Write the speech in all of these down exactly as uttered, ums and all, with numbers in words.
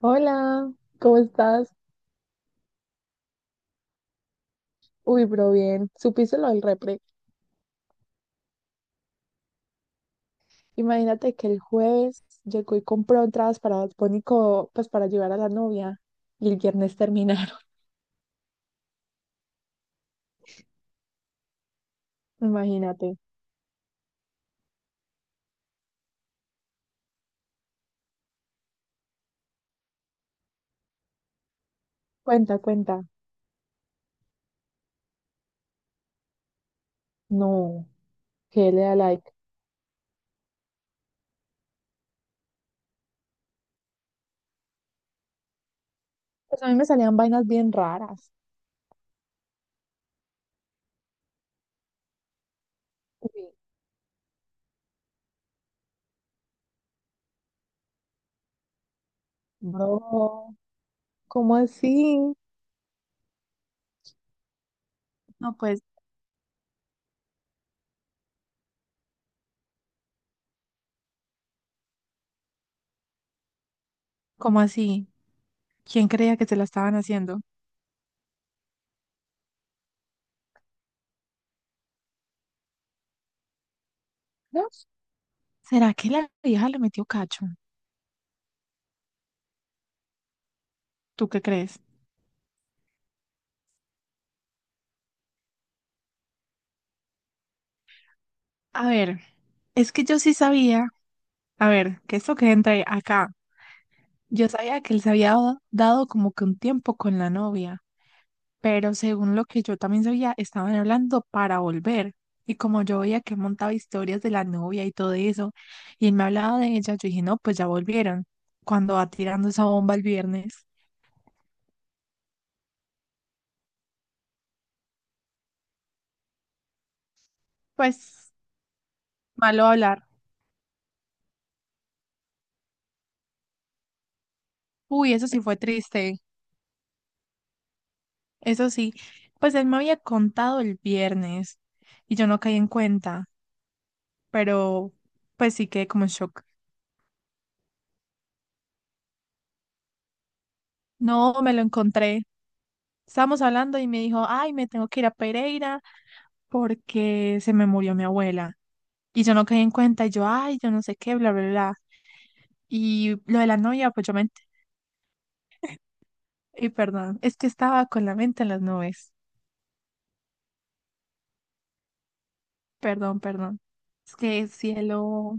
Hola, ¿cómo estás? Uy, bro, bien. ¿Supiste lo del repre? Imagínate que el jueves llegó y compró entradas para Bad Bunny co- pues para llevar a la novia y el viernes terminaron. Imagínate. Cuenta, cuenta. No, que le da like. Pues a mí me salían vainas bien raras. Uy, bro, ¿cómo así? No, pues, ¿cómo así? ¿Quién creía que se la estaban haciendo? ¿No? ¿Será que la vieja le metió cacho? ¿Tú qué crees? A ver, es que yo sí sabía. A ver, que esto que entra acá. Yo sabía que él se había dado dado como que un tiempo con la novia, pero según lo que yo también sabía, estaban hablando para volver. Y como yo veía que él montaba historias de la novia y todo eso, y él me hablaba de ella, yo dije, no, pues ya volvieron. Cuando va tirando esa bomba el viernes, pues malo hablar. Uy, eso sí fue triste. Eso sí, pues él me había contado el viernes y yo no caí en cuenta, pero pues sí quedé como en shock. No, me lo encontré. Estábamos hablando y me dijo, ay, me tengo que ir a Pereira porque se me murió mi abuela. Y yo no caí en cuenta, y yo, ay, yo no sé qué, bla, bla, bla. Y lo de la novia, pues yo me... ent- Y perdón, es que estaba con la mente en las nubes. Perdón, perdón. Es que cielo.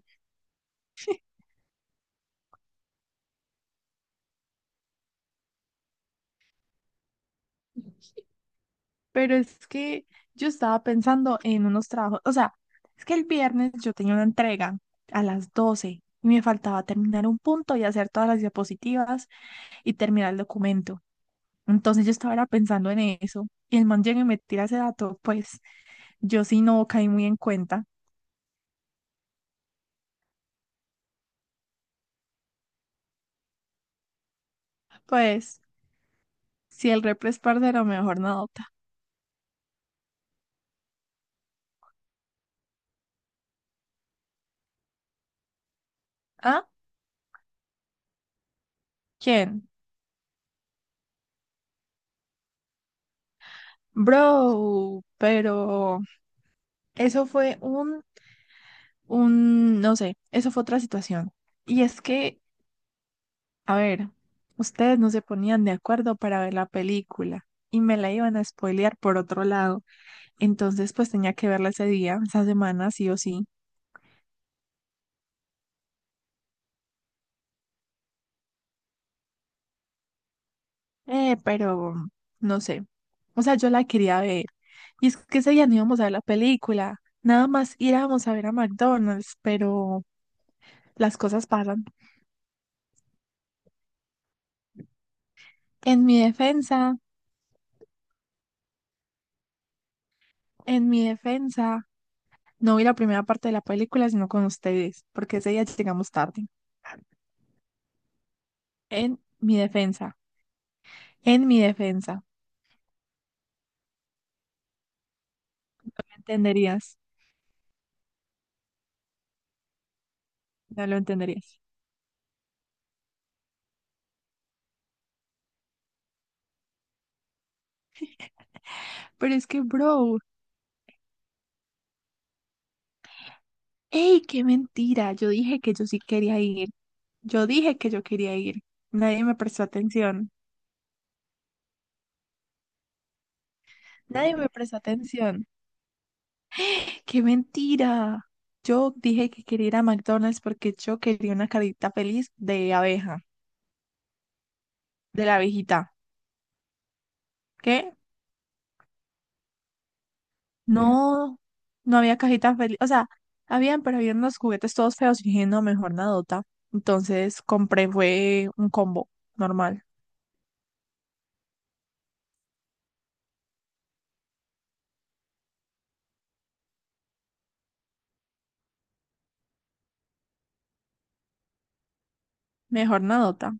Pero es que yo estaba pensando en unos trabajos. O sea, es que el viernes yo tenía una entrega a las doce y me faltaba terminar un punto y hacer todas las diapositivas y terminar el documento. Entonces yo estaba era pensando en eso y el man llega y me tira ese dato, pues yo sí no caí muy en cuenta. Pues si el repre es parcero, mejor no nota. ¿Ah? ¿Quién? Bro, pero eso fue un, un, no sé, eso fue otra situación. Y es que, a ver, ustedes no se ponían de acuerdo para ver la película y me la iban a spoilear por otro lado. Entonces pues tenía que verla ese día, esa semana, sí o sí. Eh, pero no sé. O sea, yo la quería ver. Y es que ese día no íbamos a ver la película. Nada más íbamos a ver a McDonald's, pero las cosas pasan. En mi defensa, en mi defensa, no vi la primera parte de la película, sino con ustedes, porque ese día llegamos tarde. En mi defensa, en mi defensa. ¿Me entenderías? No lo entenderías. Pero es que, bro, ¡ey, qué mentira! Yo dije que yo sí quería ir. Yo dije que yo quería ir. Nadie me prestó atención. Nadie me presta atención. ¡Qué mentira! Yo dije que quería ir a McDonald's porque yo quería una cajita feliz de abeja, de la abejita. ¿Qué? Mm. No, no había cajitas feliz. O sea, habían, pero habían unos juguetes todos feos y dije, no, mejor nadota. Entonces compré, fue un combo normal. Mejor nadota.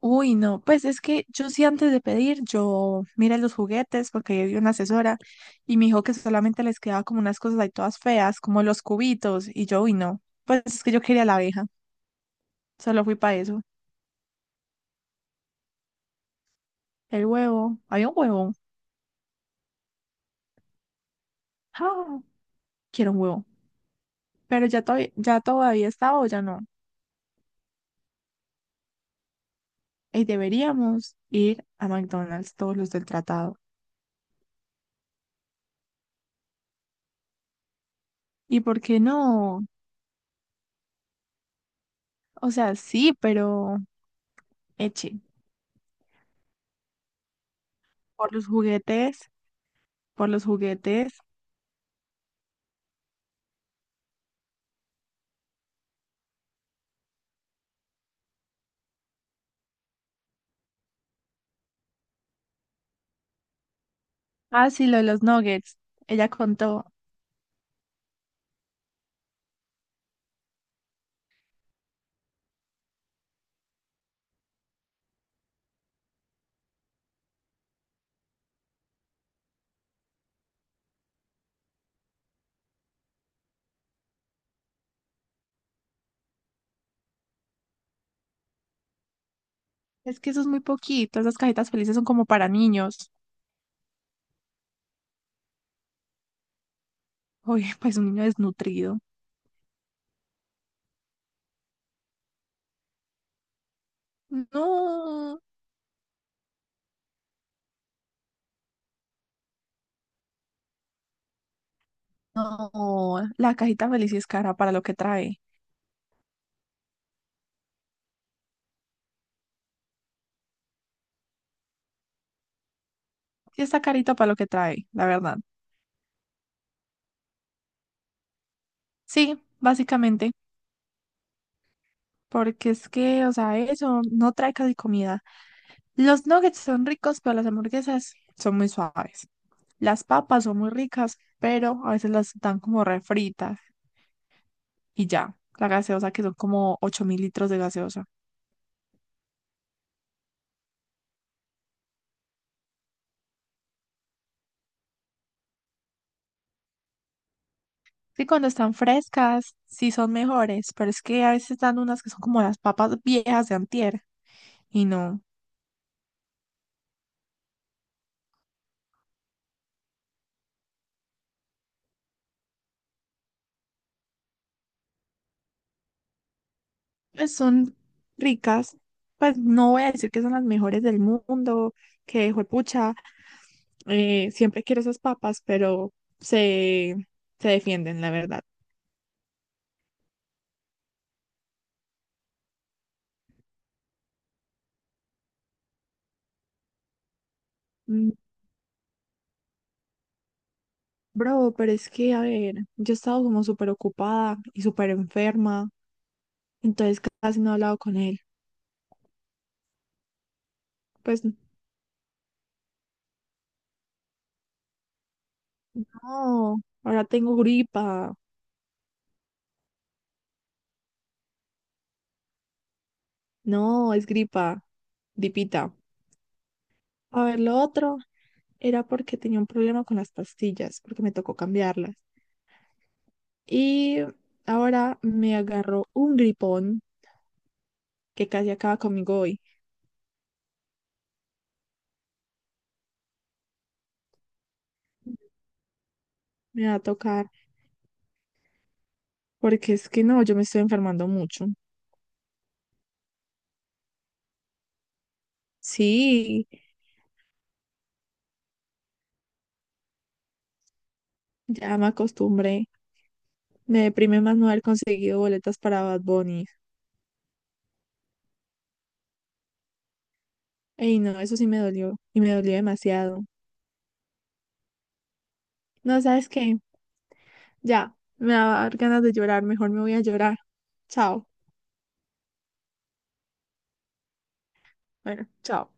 Uy, no, pues es que yo sí antes de pedir, yo miré los juguetes porque yo vi una asesora y me dijo que solamente les quedaba como unas cosas ahí todas feas, como los cubitos, y yo, uy, no, pues es que yo quería la abeja, solo fui para eso. El huevo, había un huevo, ah, quiero un huevo, pero ya, todavía- ya todavía está o ya no. Y deberíamos ir a McDonald's todos los del tratado. ¿Y por qué no? O sea, sí, pero eche, por los juguetes, por los juguetes. Ah, sí, lo de los nuggets. Ella contó. Es que eso es muy poquito. Esas cajitas felices son como para niños. Oye, pues un niño desnutrido. No, no. La cajita feliz sí es cara para lo que trae. Sí está carito para lo que trae, la verdad. Sí, básicamente. Porque es que, o sea, eso no trae casi comida. Los nuggets son ricos, pero las hamburguesas son muy suaves. Las papas son muy ricas, pero a veces las dan como refritas. Y ya. La gaseosa, que son como ocho mil litros de gaseosa. Sí, cuando están frescas, sí son mejores, pero es que a veces dan unas que son como las papas viejas de antier. Y no, pues son ricas. Pues no voy a decir que son las mejores del mundo, que juepucha, eh, siempre quiero esas papas, pero se, se defienden, la verdad. Mm, bro, pero es que, a ver, yo he estado como súper ocupada y súper enferma, entonces casi no he hablado con él. Pues no, ahora tengo gripa. No, es gripa. Gripita. A ver, lo otro era porque tenía un problema con las pastillas, porque me tocó cambiarlas. Y ahora me agarró un gripón que casi acaba conmigo hoy. Me va a tocar, porque es que no, yo me estoy enfermando mucho. Sí, ya me acostumbré. Me deprime más no haber conseguido boletas para Bad Bunny. Ey, no, eso sí me dolió, y me dolió demasiado. No, ¿sabes qué? Ya, me va a dar ganas de llorar, mejor me voy a llorar. Chao. Bueno, chao.